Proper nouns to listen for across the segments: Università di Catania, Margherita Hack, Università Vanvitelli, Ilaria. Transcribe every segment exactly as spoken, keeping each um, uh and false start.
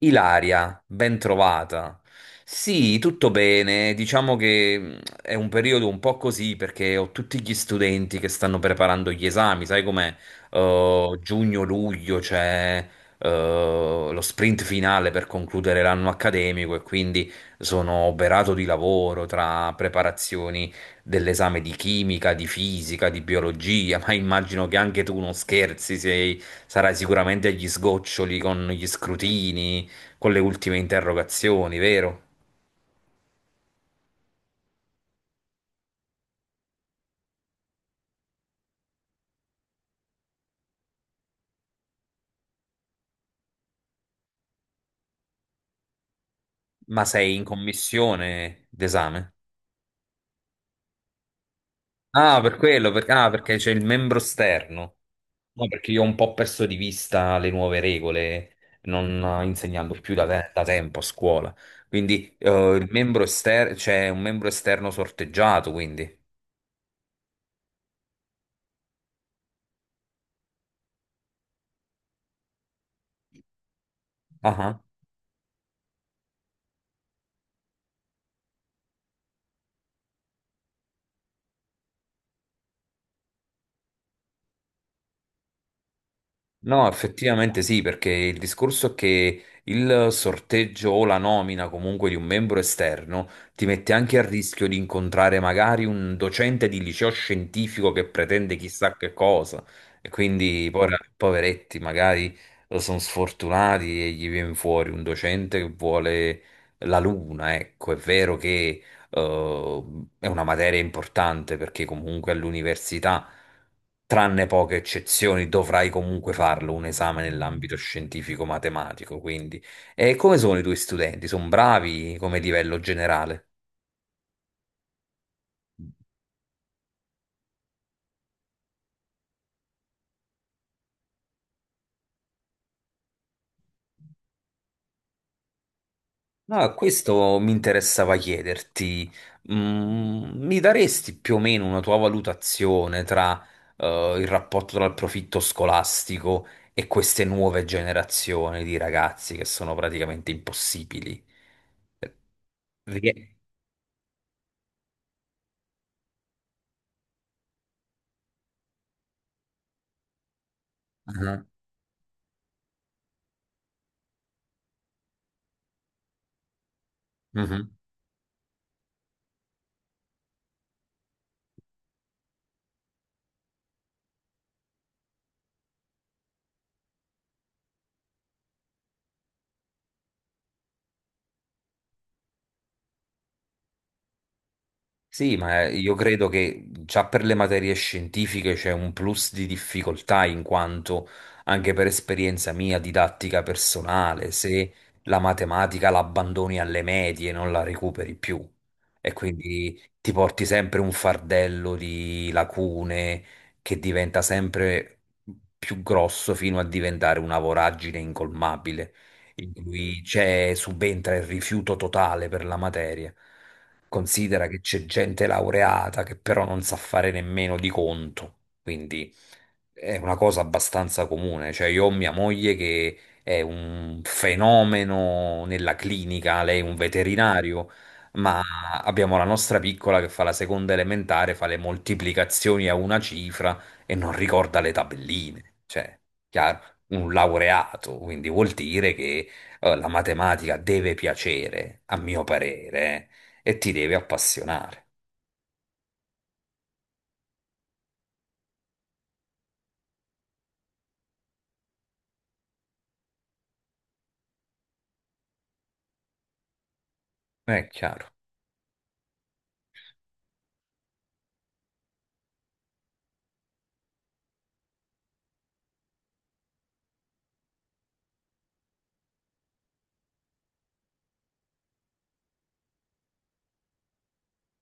Ilaria, ben trovata. Sì, tutto bene. Diciamo che mh, è un periodo un po' così perché ho tutti gli studenti che stanno preparando gli esami, sai com'è? Eh, giugno-luglio c'è eh, lo sprint finale per concludere l'anno accademico e quindi sono oberato di lavoro tra preparazioni dell'esame di chimica, di fisica, di biologia, ma immagino che anche tu non scherzi, sei, sarai sicuramente agli sgoccioli con gli scrutini, con le ultime interrogazioni, vero? Ma sei in commissione d'esame? Ah, per quello, per- ah, perché c'è il membro esterno. No, perché io ho un po' perso di vista le nuove regole, non eh, insegnando più da, te- da tempo a scuola. Quindi eh, il membro esterno, c'è un membro esterno sorteggiato, quindi. Ah ah. No, effettivamente sì, perché il discorso è che il sorteggio o la nomina comunque di un membro esterno ti mette anche a rischio di incontrare magari un docente di liceo scientifico che pretende chissà che cosa, e quindi poi, poveretti, magari sono sfortunati e gli viene fuori un docente che vuole la luna, ecco, è vero che eh, è una materia importante perché comunque all'università, tranne poche eccezioni, dovrai comunque farlo un esame nell'ambito scientifico-matematico. Quindi, e come sono i tuoi studenti? Sono bravi come livello generale? No, questo mi interessava chiederti, mm, mi daresti più o meno una tua valutazione tra, eh, il rapporto tra il profitto scolastico e queste nuove generazioni di ragazzi che sono praticamente impossibili? Perché... Ah, mhm. Sì, ma eh, io credo che già per le materie scientifiche c'è un plus di difficoltà in quanto anche per esperienza mia didattica personale, se la matematica la abbandoni alle medie non la recuperi più e quindi ti porti sempre un fardello di lacune che diventa sempre più grosso fino a diventare una voragine incolmabile in cui c'è subentra il rifiuto totale per la materia. Considera che c'è gente laureata che però non sa fare nemmeno di conto, quindi è una cosa abbastanza comune, cioè io ho mia moglie che è un fenomeno nella clinica, lei è un veterinario, ma abbiamo la nostra piccola che fa la seconda elementare, fa le moltiplicazioni a una cifra e non ricorda le tabelline, cioè, chiaro, un laureato, quindi vuol dire che eh, la matematica deve piacere, a mio parere, eh, e ti deve appassionare, è chiaro.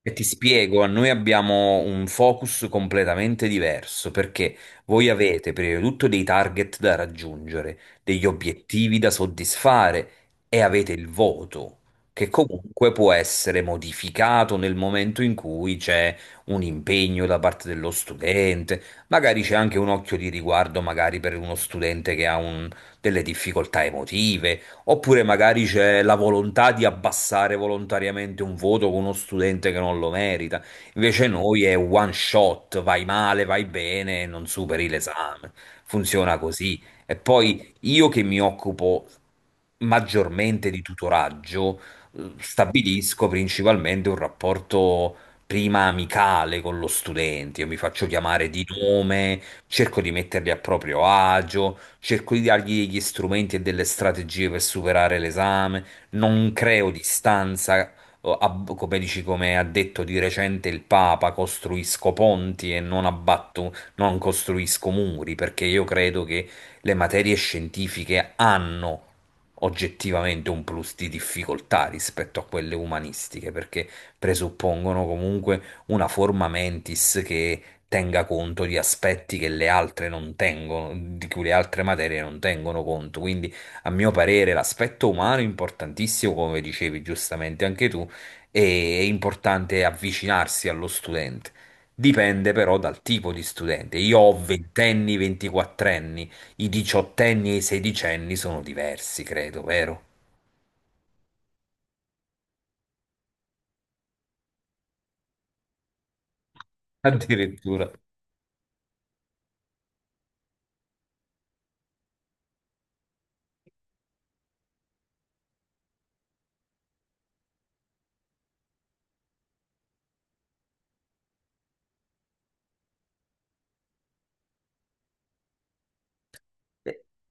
E ti spiego, noi abbiamo un focus completamente diverso perché voi avete prima di tutto dei target da raggiungere, degli obiettivi da soddisfare e avete il voto, che comunque può essere modificato nel momento in cui c'è un impegno da parte dello studente, magari c'è anche un occhio di riguardo magari per uno studente che ha un- delle difficoltà emotive. Oppure magari c'è la volontà di abbassare volontariamente un voto con uno studente che non lo merita. Invece noi è one shot, vai male, vai bene, non superi l'esame. Funziona così. E poi io che mi occupo maggiormente di tutoraggio, eh, stabilisco principalmente un rapporto prima amicale con lo studente. Io mi faccio chiamare di nome, cerco di metterli a proprio agio, cerco di dargli degli strumenti e delle strategie per superare l'esame, non creo distanza, o ab- come dici, come ha detto di recente il Papa, costruisco ponti e non abbatto, non costruisco muri, perché io credo che le materie scientifiche hanno oggettivamente un plus di difficoltà rispetto a quelle umanistiche, perché presuppongono comunque una forma mentis che tenga conto di aspetti che le altre non tengono, di cui le altre materie non tengono conto. Quindi, a mio parere, l'aspetto umano è importantissimo, come dicevi giustamente anche tu, e è importante avvicinarsi allo studente. Dipende però dal tipo di studente. Io ho ventenni, ventiquattrenni, i diciottenni e i sedicenni sono diversi, credo, vero? Addirittura.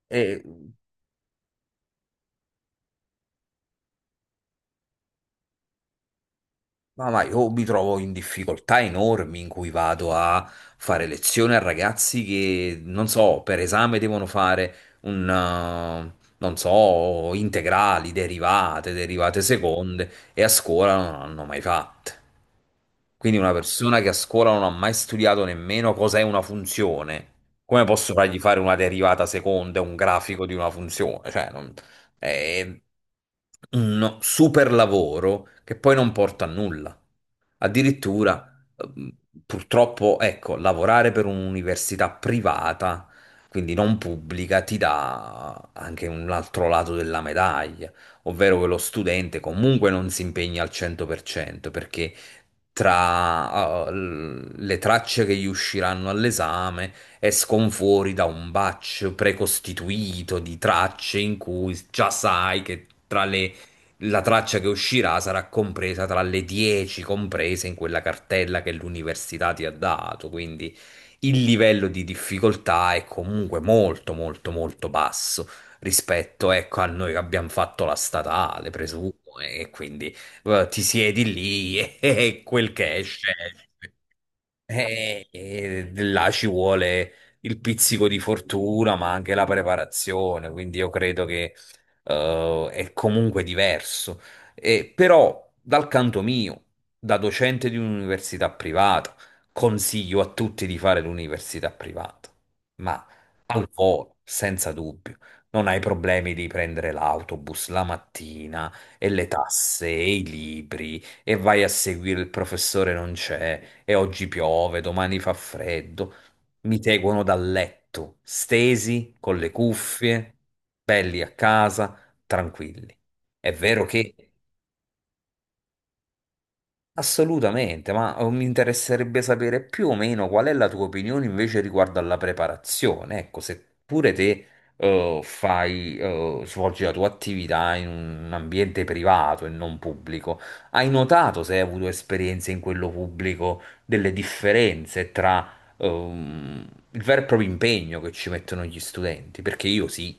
Eh, E Ma, ma io mi trovo in difficoltà enormi in cui vado a fare lezioni a ragazzi che, non so, per esame devono fare un, eh, non so, integrali, derivate, derivate seconde e a scuola non hanno mai fatte. Quindi una persona che a scuola non ha mai studiato nemmeno cos'è una funzione, come posso fargli fare una derivata seconda, un grafico di una funzione? Cioè, non- è un super lavoro che poi non porta a nulla. Addirittura, ehm, purtroppo, ecco, lavorare per un'università privata, quindi non pubblica, ti dà anche un altro lato della medaglia, ovvero che lo studente comunque non si impegna al cento per cento, perché tra eh, l- le tracce che gli usciranno all'esame escono fuori da un batch precostituito di tracce in cui già sai che tra le la traccia che uscirà sarà compresa tra le dieci comprese in quella cartella che l'università ti ha dato, quindi il livello di difficoltà è comunque molto molto molto basso rispetto, ecco, a noi che abbiamo fatto la statale, presumo, e quindi eh, ti siedi lì e, quel che esce, esce. E, e là ci vuole il pizzico di fortuna, ma anche la preparazione, quindi io credo che eh, è comunque diverso. E, però, dal canto mio, da docente di un'università privata, consiglio a tutti di fare l'università privata, ma al volo, senza dubbio. Non hai problemi di prendere l'autobus la mattina e le tasse e i libri e vai a seguire il professore non c'è, e oggi piove, domani fa freddo. Mi seguono dal letto, stesi, con le cuffie, belli a casa, tranquilli. È vero che assolutamente, ma eh, mi interesserebbe sapere più o meno qual è la tua opinione invece riguardo alla preparazione. Ecco, se pure te eh, fai, eh, svolgi la tua attività in un ambiente privato e non pubblico, hai notato se hai avuto esperienze in quello pubblico delle differenze tra ehm, il vero e proprio impegno che ci mettono gli studenti? Perché io sì.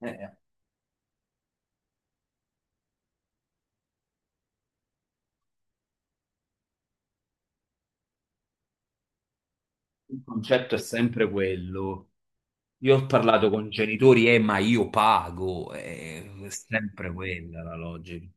Eh, il concetto è sempre quello. Io ho parlato con genitori, eh, ma io pago, eh, è sempre quella la logica.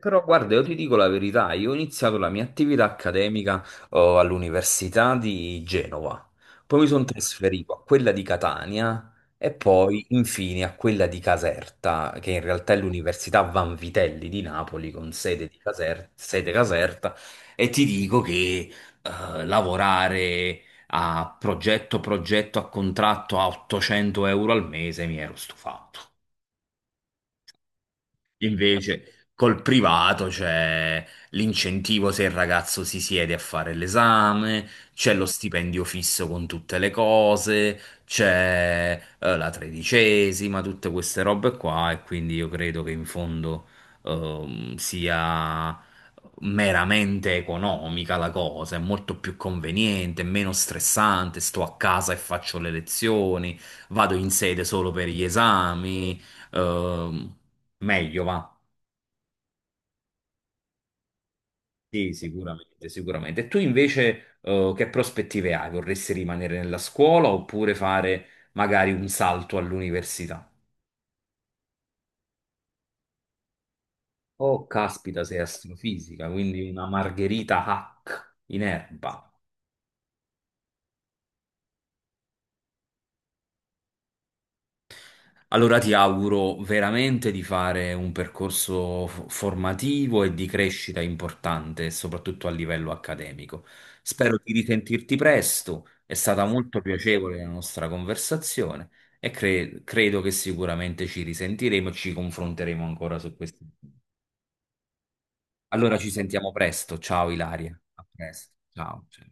Però guarda, io ti dico la verità, io ho iniziato la mia attività accademica oh, all'Università di Genova, poi mi sono trasferito a quella di Catania e poi infine a quella di Caserta, che in realtà è l'Università Vanvitelli di Napoli con sede, di Caser- sede Caserta, e ti dico che eh, lavorare a progetto, progetto a contratto a ottocento euro al mese mi ero stufato. Invece col privato c'è l'incentivo se il ragazzo si siede a fare l'esame, c'è lo stipendio fisso con tutte le cose, c'è eh, la tredicesima, tutte queste robe qua e quindi io credo che in fondo ehm, sia meramente economica la cosa, è molto più conveniente, è meno stressante, sto a casa e faccio le lezioni, vado in sede solo per gli esami. Ehm, Meglio va. Sì, sicuramente, sicuramente. E tu invece, eh, che prospettive hai? Vorresti rimanere nella scuola oppure fare magari un salto all'università? Oh, caspita, sei astrofisica, quindi una Margherita Hack in erba. Allora ti auguro veramente di fare un percorso f- formativo e di crescita importante, soprattutto a livello accademico. Spero di risentirti presto, è stata molto piacevole la nostra conversazione e cre- credo che sicuramente ci risentiremo e ci confronteremo ancora su questi. Allora ci sentiamo presto, ciao Ilaria, a presto, ciao. Ciao.